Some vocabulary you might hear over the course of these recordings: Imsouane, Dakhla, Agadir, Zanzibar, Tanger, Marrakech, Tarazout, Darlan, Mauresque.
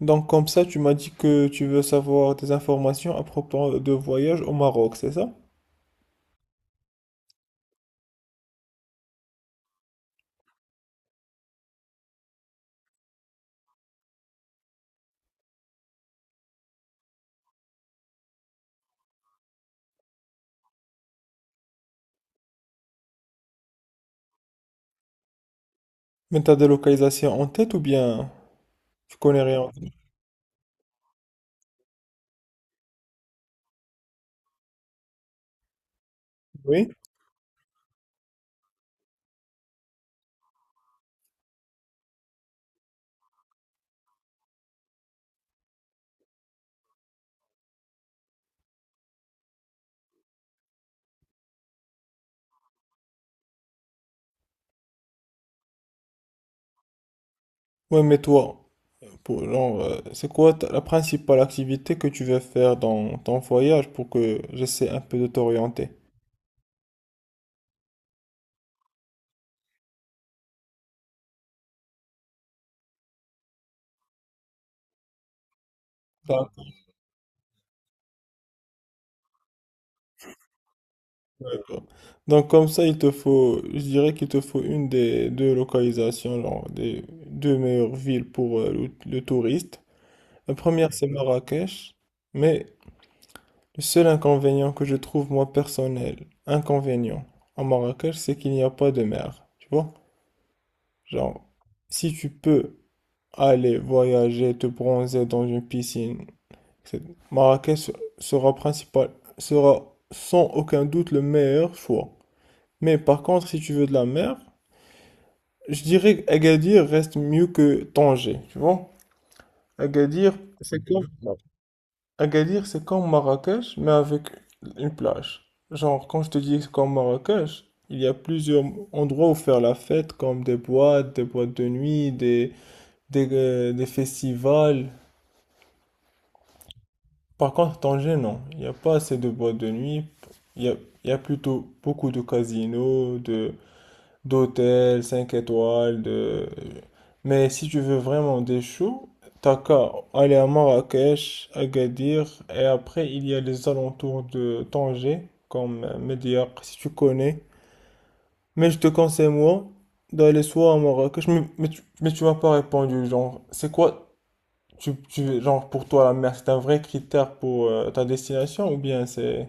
Donc comme ça, tu m'as dit que tu veux savoir des informations à propos de voyage au Maroc, c'est ça? Mais t'as des localisations en tête ou bien tu connais rien? En tête Oui. Ouais, mais toi, pour, genre, c'est quoi la principale activité que tu veux faire dans ton voyage pour que j'essaie un peu de t'orienter? D'accord. Donc comme ça, il te faut, je dirais qu'il te faut une des deux localisations, genre, des deux meilleures villes pour le touriste. La première, c'est Marrakech, mais le seul inconvénient que je trouve moi personnel, inconvénient à Marrakech, c'est qu'il n'y a pas de mer. Tu vois? Genre, si tu peux aller voyager, te bronzer dans une piscine, c'est- Marrakech sera principal, sera sans aucun doute le meilleur choix. Mais par contre, si tu veux de la mer, je dirais Agadir reste mieux que Tanger, tu vois? Agadir, c'est comme, Agadir, c'est comme Marrakech, mais avec une plage. Genre, quand je te dis que c'est comme Marrakech, il y a plusieurs endroits où faire la fête, comme des boîtes de nuit, des festivals. Par contre, Tanger, non. Il n'y a pas assez de boîtes de nuit. Il y a, il y a plutôt beaucoup de casinos, de, d'hôtel, 5 étoiles, de... Mais si tu veux vraiment des choux, t'as qu'à aller à Marrakech, Agadir, et après il y a les alentours de Tanger, comme Médiocre, si tu connais. Mais je te conseille, moi, d'aller soit à Marrakech, mais tu m'as pas répondu, genre, c'est quoi, genre, pour toi, la mer, c'est un vrai critère pour ta destination, ou bien c'est...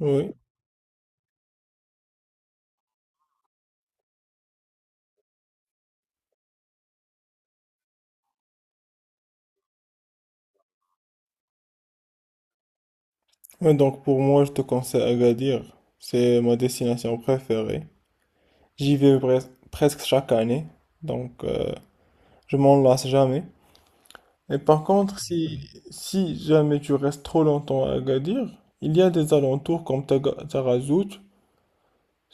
Oui. Ouais, donc pour moi, je te conseille Agadir, c'est ma destination préférée. J'y vais presque chaque année, donc je m'en lasse jamais. Et par contre, si jamais tu restes trop longtemps à Agadir, il y a des alentours comme Tarazout,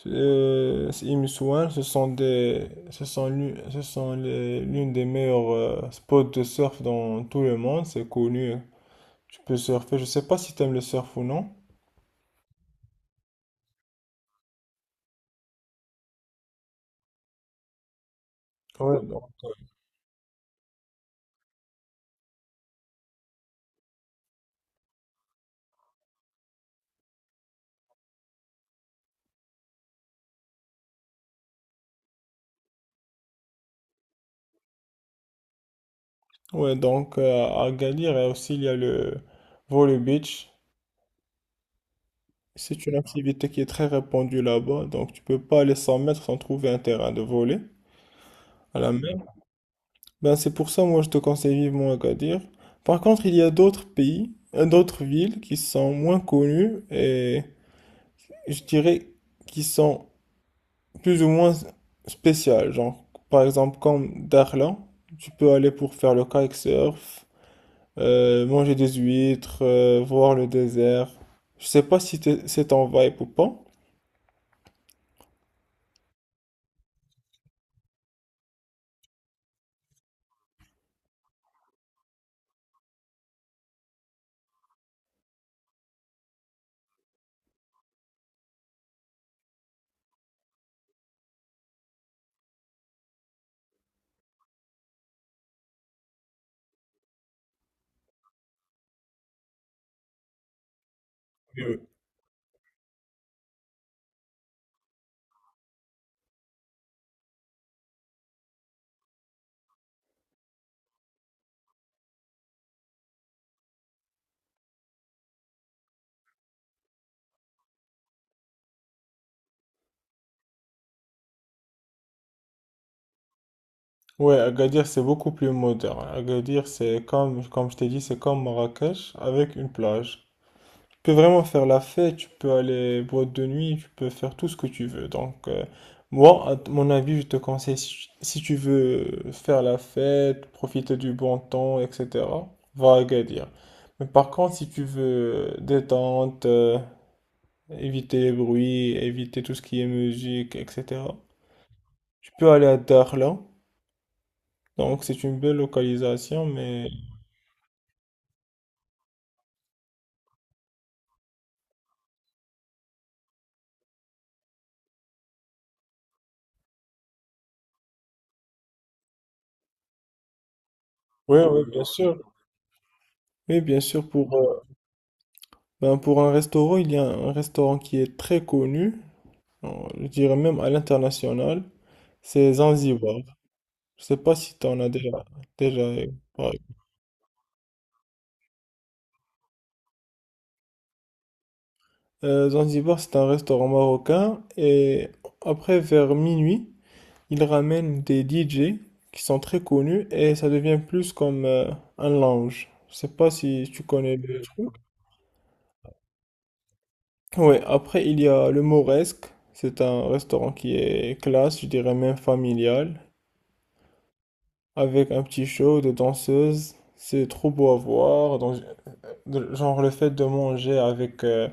Imsouane, ce sont l'une des meilleures spots de surf dans tout le monde, c'est connu. Tu peux surfer, je sais pas si tu aimes le surf ou non. Ouais, donc, ouais, donc à Agadir, et aussi il y a le Vole Beach. C'est une activité qui est très répandue là-bas, donc tu peux pas aller 100 mètres sans trouver un terrain de volley à la mer. Ben c'est pour ça, moi je te conseille vivement Agadir. Par contre, il y a d'autres pays, d'autres villes qui sont moins connues et je dirais qui sont plus ou moins spéciales. Genre, par exemple, comme Darlan, tu peux aller pour faire le kitesurf, manger des huîtres, voir le désert. Je sais pas si c'est ton vibe ou pas. Ouais, Agadir, c'est beaucoup plus moderne. Agadir, c'est comme, comme je t'ai dit, c'est comme Marrakech avec une plage. Tu peux vraiment faire la fête, tu peux aller boîte de nuit, tu peux faire tout ce que tu veux. Donc, moi, à mon avis, je te conseille, si tu veux faire la fête, profiter du bon temps, etc., va à Agadir. Mais par contre, si tu veux détente, éviter les bruits, éviter tout ce qui est musique, etc., tu peux aller à Dakhla. Donc, c'est une belle localisation, mais oui, oui, bien sûr. Oui, bien sûr, pour, ben, pour un restaurant, il y a un restaurant qui est très connu, euh, je dirais même à l'international, c'est Zanzibar. Je sais pas si tu en as déjà, déjà parlé. Zanzibar, c'est un restaurant marocain et après, vers minuit, ils ramènent des DJ qui sont très connus et ça devient plus comme un lounge. Je sais pas si tu connais le truc. Ouais, après il y a le Mauresque, c'est un restaurant qui est classe, je dirais même familial, avec un petit show de danseuses, c'est trop beau à voir, donc, genre le fait de manger avec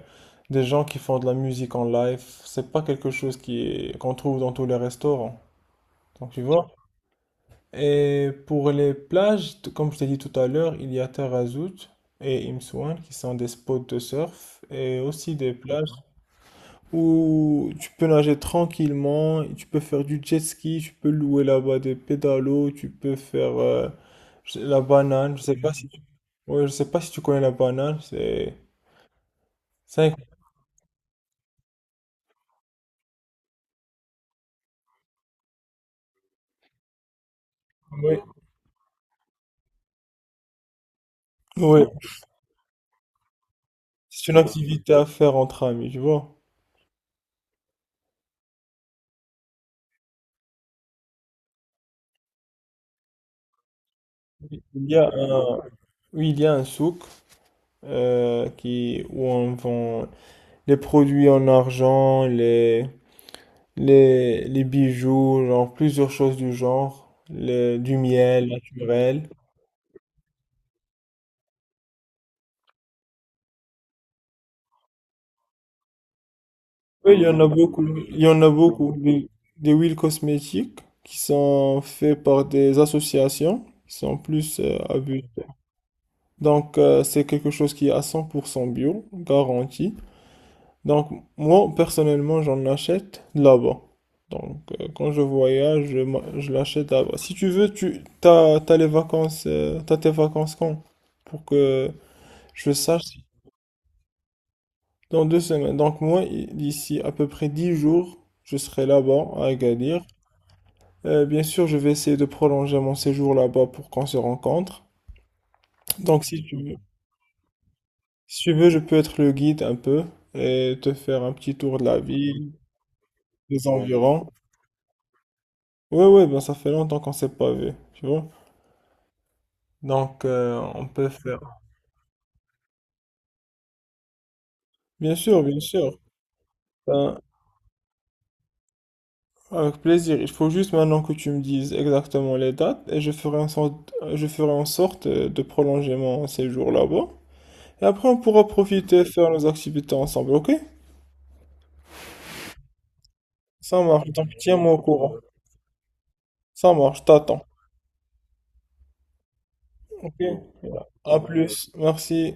des gens qui font de la musique en live, c'est pas quelque chose qui qu'on trouve dans tous les restaurants, donc tu vois. Et pour les plages, comme je t'ai dit tout à l'heure, il y a Tarazout et Imsouane qui sont des spots de surf et aussi des plages. Où tu peux nager tranquillement, tu peux faire du jet ski, tu peux louer là-bas des pédalos, tu peux faire la banane. Je sais pas si tu, ouais, je sais pas si tu connais la banane, c'est un- ouais, ouais, c'est une activité à faire entre amis, tu vois. Il y a un, oui, il y a un souk où on vend les produits en argent, les bijoux, genre plusieurs choses du genre, du miel naturel. Oui, il y en a beaucoup. Il y en a beaucoup. Des huiles cosmétiques qui sont faites par des associations qui sont plus à but. Donc, c'est quelque chose qui est à 100% bio, garanti. Donc, moi, personnellement, j'en achète là-bas. Donc, quand je voyage, je l'achète là-bas. Si tu veux, t'as les vacances, t'as tes vacances quand? Pour que je sache si- dans deux semaines. Donc, moi, d'ici à peu près 10 jours, je serai là-bas à Agadir. Bien sûr, je vais essayer de prolonger mon séjour là-bas pour qu'on se rencontre. Donc, si tu veux, si tu veux, je peux être le guide un peu et te faire un petit tour de la ville, des environs. Ouais, ouais, ben ça fait longtemps qu'on s'est pas vu, tu vois. Donc, on peut faire. Bien sûr, bien sûr. Ben, avec plaisir. Il faut juste maintenant que tu me dises exactement les dates et je ferai en sorte, je ferai en sorte de prolonger mon séjour là-bas. Et après, on pourra profiter et faire nos activités ensemble, ok? Ça marche. Donc, tiens-moi au courant. Ça marche, t'attends. Ok. À Ouais. plus. Merci.